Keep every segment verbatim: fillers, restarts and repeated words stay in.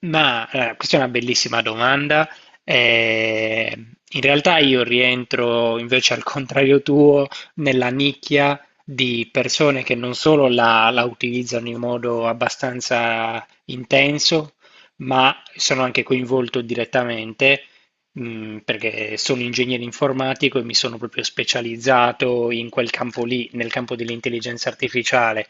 Ma eh, questa è una bellissima domanda. Eh, In realtà io rientro invece al contrario tuo nella nicchia di persone che non solo la, la utilizzano in modo abbastanza intenso, ma sono anche coinvolto direttamente, mh, perché sono ingegnere informatico e mi sono proprio specializzato in quel campo lì, nel campo dell'intelligenza artificiale.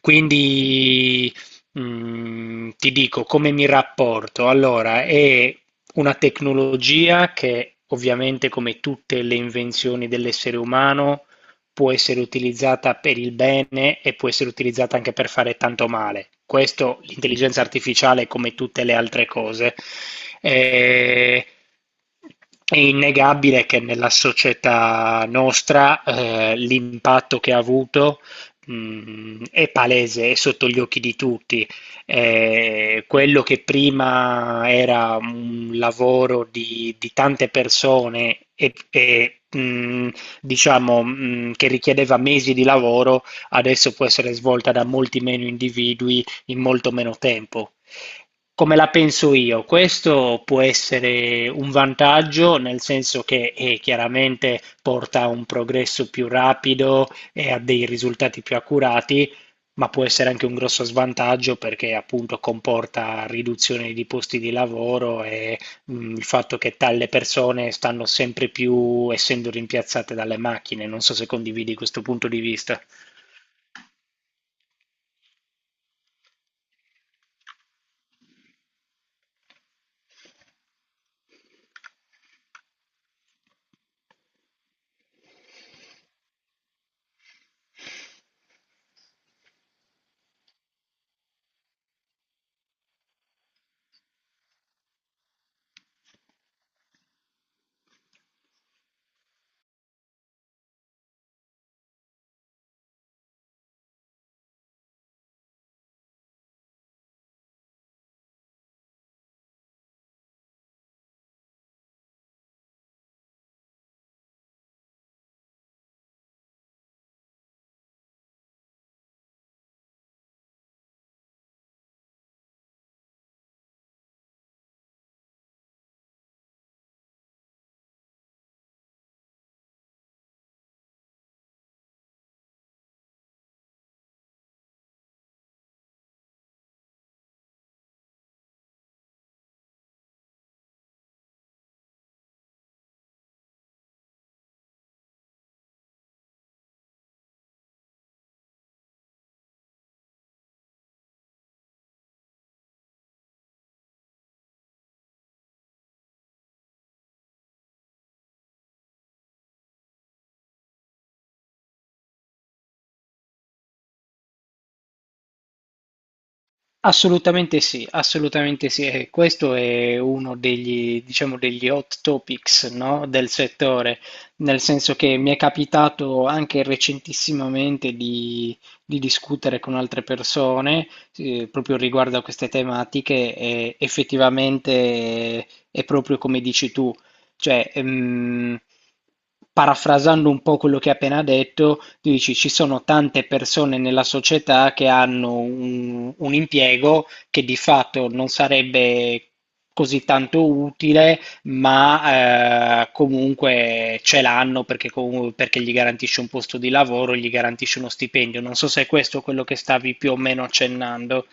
Quindi mm, ti dico come mi rapporto. Allora, è una tecnologia che ovviamente, come tutte le invenzioni dell'essere umano, può essere utilizzata per il bene e può essere utilizzata anche per fare tanto male. Questo l'intelligenza artificiale, come tutte le altre cose. Eh, È innegabile che nella società nostra eh, l'impatto che ha avuto mh, è palese, è sotto gli occhi di tutti. Eh, quello che prima era un lavoro di, di tante persone e, e, mh, diciamo, mh, che richiedeva mesi di lavoro, adesso può essere svolta da molti meno individui in molto meno tempo. Come la penso io? Questo può essere un vantaggio, nel senso che eh, chiaramente porta a un progresso più rapido, e ha dei risultati più accurati, ma può essere anche un grosso svantaggio perché appunto comporta riduzione di posti di lavoro e mh, il fatto che tale persone stanno sempre più essendo rimpiazzate dalle macchine. Non so se condividi questo punto di vista. Assolutamente sì, assolutamente sì. E questo è uno degli, diciamo, degli hot topics, no, del settore, nel senso che mi è capitato anche recentissimamente di, di discutere con altre persone, eh, proprio riguardo a queste tematiche e effettivamente è proprio come dici tu. Cioè, ehm, parafrasando un po' quello che hai appena detto, tu dici ci sono tante persone nella società che hanno un, un impiego che di fatto non sarebbe così tanto utile, ma eh, comunque ce l'hanno perché, comu- perché gli garantisce un posto di lavoro, gli garantisce uno stipendio. Non so se è questo quello che stavi più o meno accennando.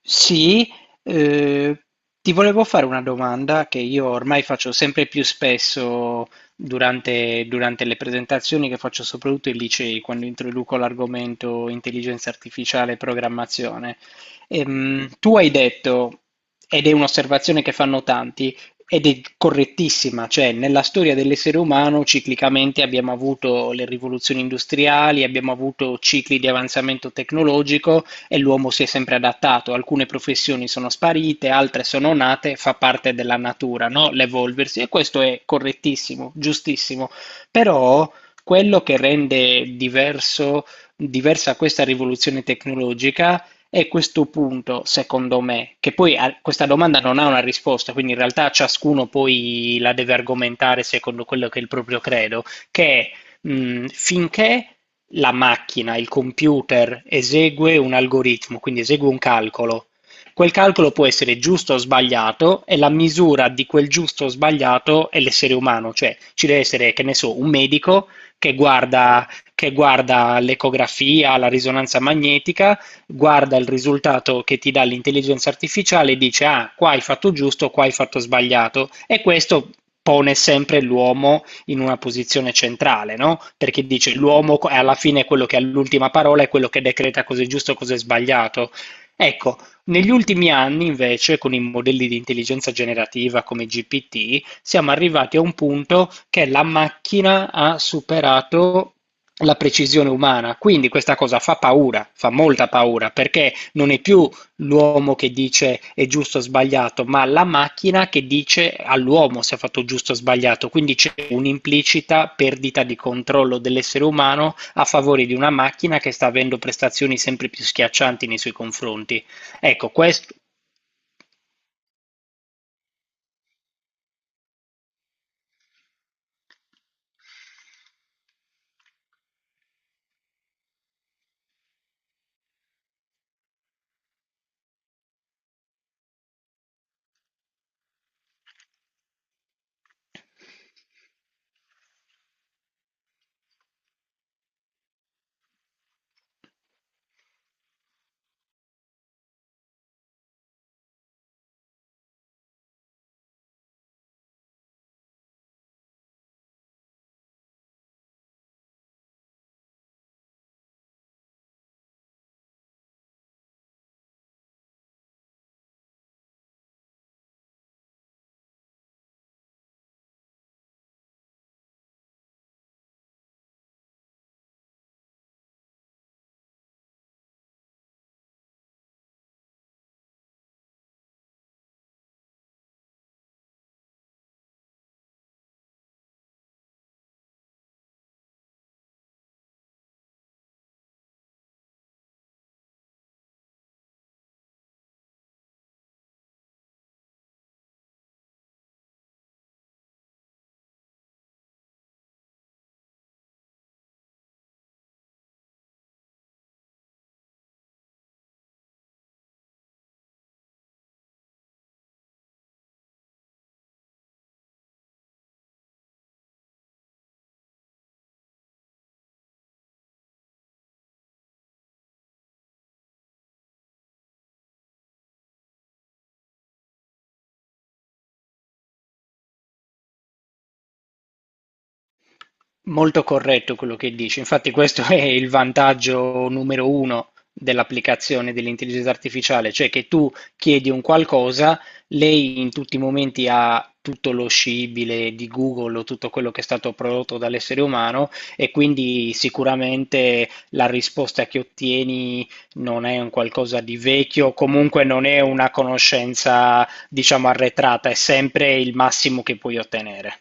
Sì, eh, ti volevo fare una domanda che io ormai faccio sempre più spesso durante, durante le presentazioni che faccio soprattutto ai licei, quando introduco l'argomento intelligenza artificiale e programmazione. Ehm, tu hai detto, ed è un'osservazione che fanno tanti, ed è correttissima, cioè nella storia dell'essere umano ciclicamente abbiamo avuto le rivoluzioni industriali, abbiamo avuto cicli di avanzamento tecnologico e l'uomo si è sempre adattato, alcune professioni sono sparite, altre sono nate, fa parte della natura, no? L'evolversi e questo è correttissimo, giustissimo, però quello che rende diverso, diversa questa rivoluzione tecnologica è questo punto, secondo me, che poi a- questa domanda non ha una risposta, quindi in realtà ciascuno poi la deve argomentare secondo quello che è il proprio credo, che mh, finché la macchina, il computer esegue un algoritmo, quindi esegue un calcolo. Quel calcolo può essere giusto o sbagliato e la misura di quel giusto o sbagliato è l'essere umano, cioè ci deve essere, che ne so, un medico che guarda, che guarda l'ecografia, la risonanza magnetica, guarda il risultato che ti dà l'intelligenza artificiale e dice ah, qua hai fatto giusto, qua hai fatto sbagliato e questo pone sempre l'uomo in una posizione centrale, no? Perché dice l'uomo è alla fine quello che ha l'ultima parola, è quello che decreta cosa è giusto e cosa è sbagliato. Ecco, negli ultimi anni invece, con i modelli di intelligenza generativa come G P T, siamo arrivati a un punto che la macchina ha superato la precisione umana. Quindi questa cosa fa paura, fa molta paura, perché non è più l'uomo che dice è giusto o sbagliato, ma la macchina che dice all'uomo se ha fatto giusto o sbagliato. Quindi c'è un'implicita perdita di controllo dell'essere umano a favore di una macchina che sta avendo prestazioni sempre più schiaccianti nei suoi confronti. Ecco, questo Molto corretto quello che dici, infatti questo è il vantaggio numero uno dell'applicazione dell'intelligenza artificiale, cioè che tu chiedi un qualcosa, lei in tutti i momenti ha tutto lo scibile di Google o tutto quello che è stato prodotto dall'essere umano e quindi sicuramente la risposta che ottieni non è un qualcosa di vecchio, comunque non è una conoscenza, diciamo, arretrata, è sempre il massimo che puoi ottenere.